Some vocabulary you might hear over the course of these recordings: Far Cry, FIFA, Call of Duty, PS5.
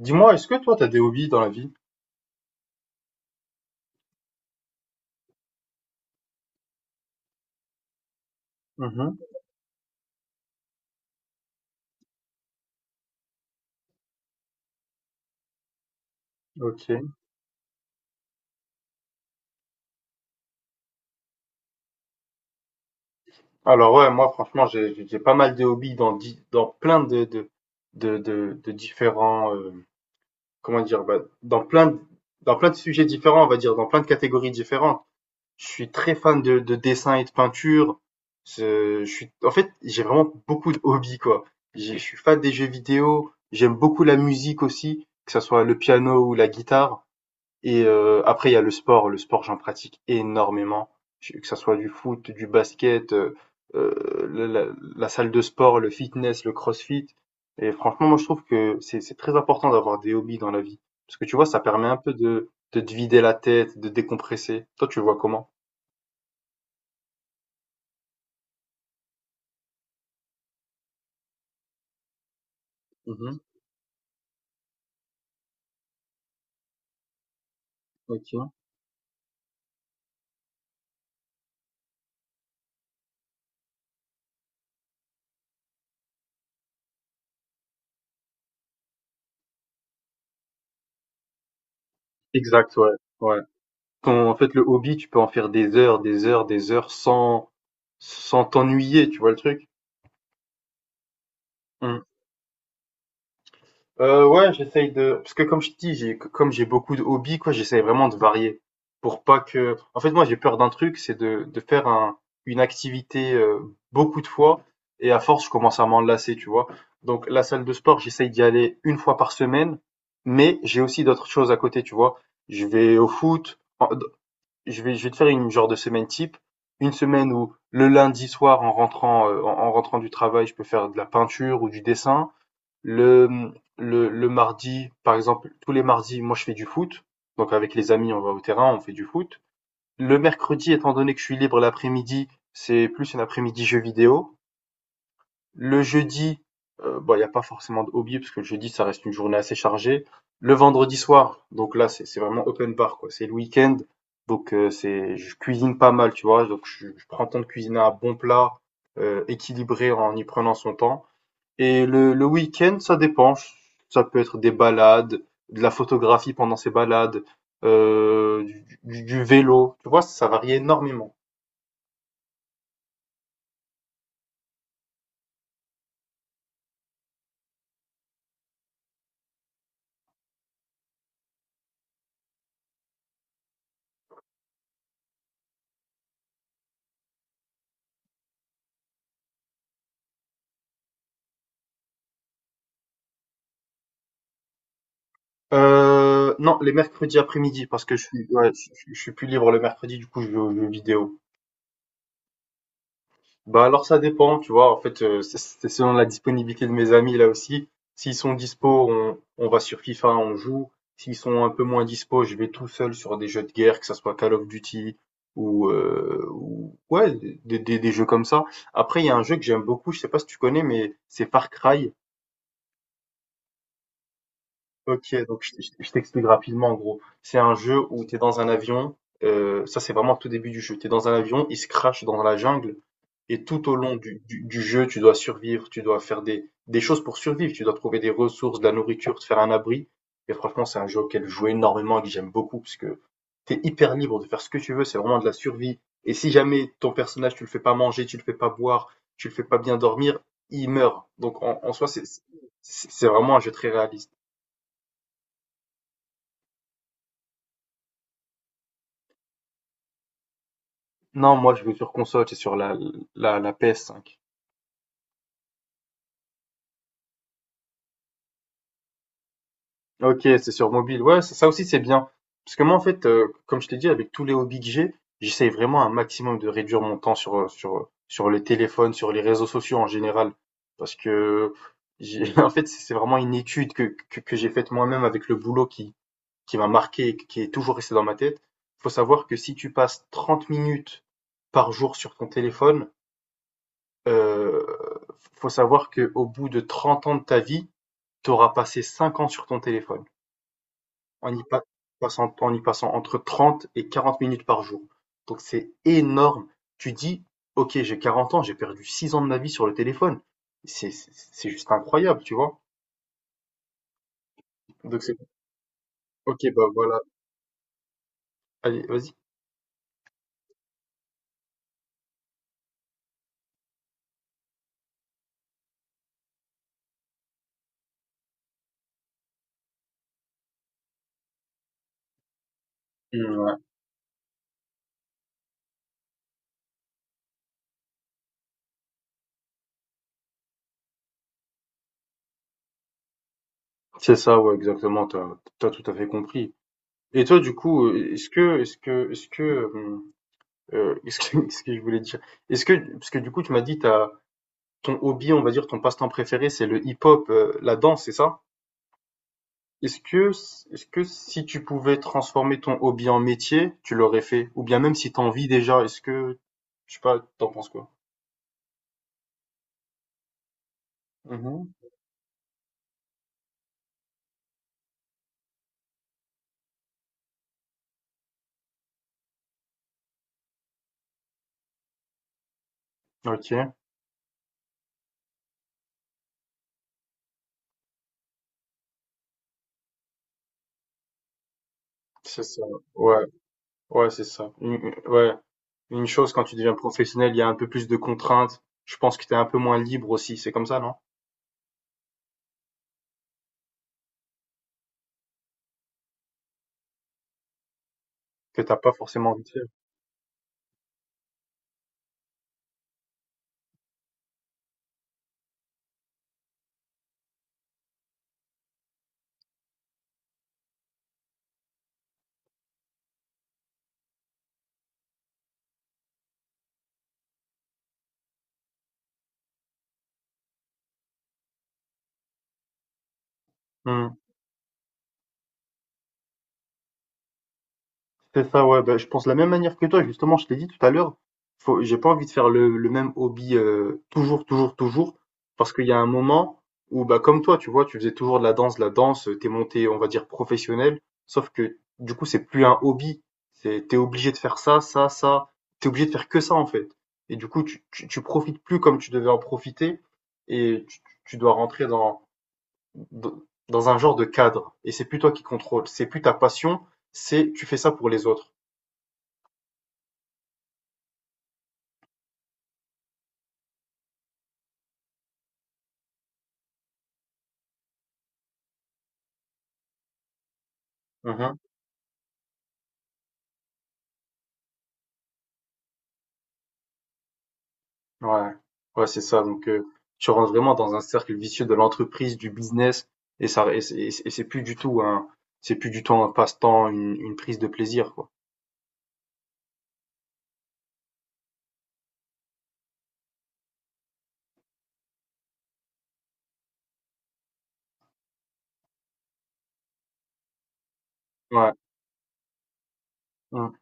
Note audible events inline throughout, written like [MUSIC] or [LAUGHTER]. Dis-moi, est-ce que toi, t'as des hobbies dans la vie? Mhm, ok. Alors ouais, moi, franchement, j'ai pas mal de hobbies dans plein de différents, comment dire, bah, dans plein de sujets différents, on va dire, dans plein de catégories différentes. Je suis très fan de dessin et de peinture. Je suis, en fait, j'ai vraiment beaucoup de hobbies, quoi. Je suis fan des jeux vidéo, j'aime beaucoup la musique aussi, que ce soit le piano ou la guitare. Et après, il y a le sport. Le sport, j'en pratique énormément, que ça soit du foot, du basket, la salle de sport, le fitness, le crossfit. Et franchement, moi, je trouve que c'est très important d'avoir des hobbies dans la vie. Parce que tu vois, ça permet un peu de te vider la tête, de décompresser. Toi, tu le vois comment? Mhm, ok. Exact, ouais. Ouais. En fait, le hobby, tu peux en faire des heures, des heures, des heures sans t'ennuyer, tu vois le truc? Ouais, j'essaye de, parce que comme je te dis, j'ai comme j'ai beaucoup de hobbies, quoi, j'essaye vraiment de varier pour pas que, en fait, moi, j'ai peur d'un truc, c'est de faire un une activité, beaucoup de fois, et à force, je commence à m'en lasser, tu vois? Donc la salle de sport, j'essaye d'y aller une fois par semaine, mais j'ai aussi d'autres choses à côté, tu vois? Je vais au foot, en je vais te faire une genre de semaine type, une semaine où le lundi soir, en rentrant, en en rentrant du travail, je peux faire de la peinture ou du dessin. Le, mmh, le mardi, par exemple, tous les mardis, moi, je fais du foot. Donc avec les amis, on va au terrain, on fait du foot. Le mercredi, étant donné que je suis libre l'après-midi, c'est plus un après-midi jeu vidéo. Le jeudi, bon, il n'y a pas forcément de hobby, parce que le jeudi, ça reste une journée assez chargée. Le vendredi soir, donc là, c'est vraiment open bar, quoi. C'est le week-end, donc je cuisine pas mal, tu vois. Donc je prends le temps de cuisiner un bon plat équilibré en y prenant son temps. Et le week-end, ça dépend. Ça peut être des balades, de la photographie pendant ces balades, du vélo, tu vois? Ça varie énormément. Non, les mercredis après-midi, parce que je suis ouais, je suis plus libre le mercredi, du coup, je vais aux jeux vidéo. Bah alors, ça dépend, tu vois, en fait, c'est selon la disponibilité de mes amis là aussi. S'ils sont dispo, on va sur FIFA, on joue. S'ils sont un peu moins dispo, je vais tout seul sur des jeux de guerre, que ça soit Call of Duty ouais, des jeux comme ça. Après, il y a un jeu que j'aime beaucoup, je sais pas si tu connais, mais c'est Far Cry. Ok, donc je t'explique rapidement, en gros. C'est un jeu où tu es dans un avion, ça c'est vraiment au tout début du jeu. Tu es dans un avion, il se crache dans la jungle. Et tout au long du jeu, tu dois survivre, tu dois faire des choses pour survivre, tu dois trouver des ressources, de la nourriture, te faire un abri. Et franchement, c'est un jeu auquel je joue énormément et que j'aime beaucoup, parce que t'es hyper libre de faire ce que tu veux, c'est vraiment de la survie. Et si jamais ton personnage, tu le fais pas manger, tu le fais pas boire, tu le fais pas bien dormir, il meurt. Donc en soi, c'est vraiment un jeu très réaliste. Non, moi, je joue sur console, c'est sur la PS5. OK, c'est sur mobile. Ouais, ça aussi, c'est bien. Parce que moi, en fait, comme je t'ai dit, avec tous les hobbies que j'ai, j'essaye vraiment un maximum de réduire mon temps sur le téléphone, sur les réseaux sociaux en général. Parce que j'ai [LAUGHS] en fait, c'est vraiment une étude que j'ai faite moi-même avec le boulot qui m'a marqué et qui est toujours resté dans ma tête. Faut savoir que si tu passes 30 minutes par jour sur ton téléphone, heu, faut savoir que au bout de 30 ans de ta vie, tu auras passé 5 ans sur ton téléphone en y pa- en y passant entre 30 et 40 minutes par jour. Donc c'est énorme. Tu dis, ok, j'ai 40 ans, j'ai perdu 6 ans de ma vie sur le téléphone. C'est juste incroyable, tu vois. Donc c'est, ok, bah voilà, allez, vas-y. Mm, ouais. C'est ça, ouais, exactement, t'as tout à fait compris. Et toi, du coup, est-ce que, est-ce que, est-ce que, est-ce que, [LAUGHS] ce que je voulais dire, parce que du coup, tu m'as dit, t'as, ton hobby, on va dire, ton passe-temps préféré, c'est le hip-hop, la danse, c'est ça? Est-ce que Est-ce que si tu pouvais transformer ton hobby en métier, tu l'aurais fait? Ou bien, même si t'en vis déjà, est-ce que, je sais pas, t'en penses quoi? Mhm. Ok, c'est ça. Ouais, ouais, c'est ça. Ouais, une chose, quand tu deviens professionnel, il y a un peu plus de contraintes. Je pense que t'es un peu moins libre aussi. C'est comme ça, non? Que t'as pas forcément envie de faire. Hmm. C'est ça, ouais, bah, je pense de la même manière que toi. Justement, je t'ai dit tout à l'heure, j'ai pas envie de faire le même hobby toujours, toujours, toujours, parce qu'il y a un moment où, bah, comme toi, tu vois, tu faisais toujours de la danse, t'es monté, on va dire, professionnel, sauf que, du coup, c'est plus un hobby, c'est, t'es obligé de faire ça, ça, ça, t'es obligé de faire que ça, en fait. Et du coup, tu profites plus comme tu devais en profiter, et tu dois rentrer dans, dans, dans un genre de cadre, et c'est plus toi qui contrôle, c'est plus ta passion, c'est, tu fais ça pour les autres. Mmh. Ouais. Ouais, c'est ça, donc tu rentres vraiment dans un cercle vicieux de l'entreprise, du business, et ça, et c'est plus du tout un passe-temps, une prise de plaisir, quoi. Ouais. Mmh,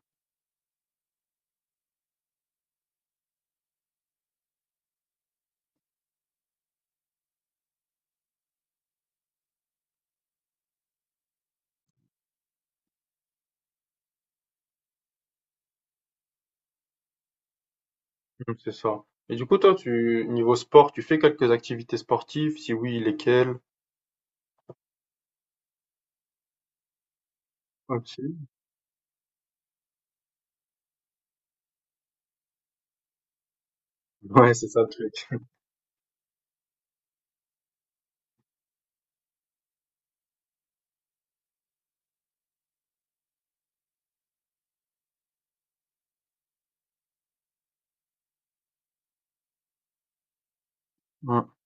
mmh, c'est ça. Et du coup, toi, tu, niveau sport, tu fais quelques activités sportives? Si oui, lesquelles? OK. [LAUGHS] Ouais, c'est ça le truc. Mmh.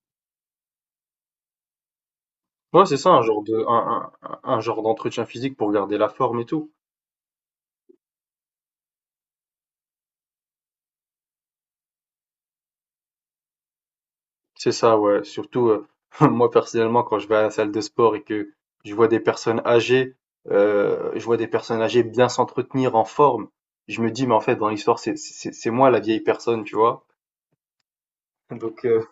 Ouais, c'est ça, un genre de un genre d'entretien physique pour garder la forme et tout. C'est ça, ouais. Surtout, [LAUGHS] moi personnellement, quand je vais à la salle de sport et que je vois des personnes âgées, je vois des personnes âgées bien s'entretenir en forme, je me dis, mais en fait, dans l'histoire, c'est moi la vieille personne, tu vois. Donc,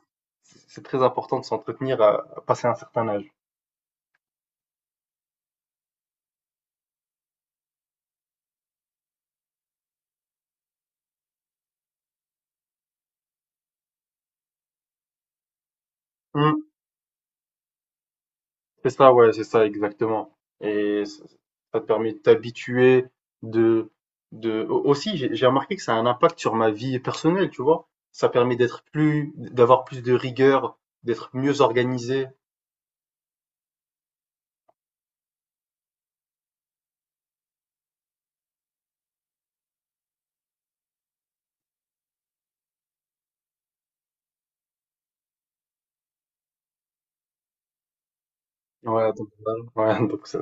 c'est très important de s'entretenir à, passer un certain âge. C'est ça, ouais, c'est ça, exactement. Et ça te permet de t'habituer, de, aussi, j'ai remarqué que ça a un impact sur ma vie personnelle, tu vois. Ça permet d'être plus, d'avoir plus de rigueur, d'être mieux organisé. Ouais, donc, voilà. Ouais, [LAUGHS] donc ça,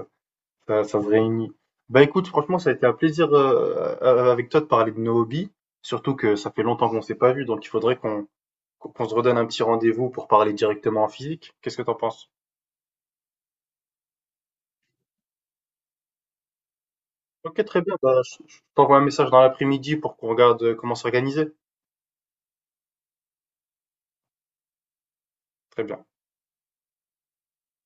ça, ça se réunit. Bah écoute, franchement, ça a été un plaisir, avec toi, de parler de nos hobbies. Surtout que ça fait longtemps qu'on s'est pas vu, donc il faudrait qu'on se redonne un petit rendez-vous pour parler directement en physique. Qu'est-ce que t'en penses? Ok, très bien. Bah, je t'envoie un message dans l'après-midi pour qu'on regarde comment s'organiser. Très bien.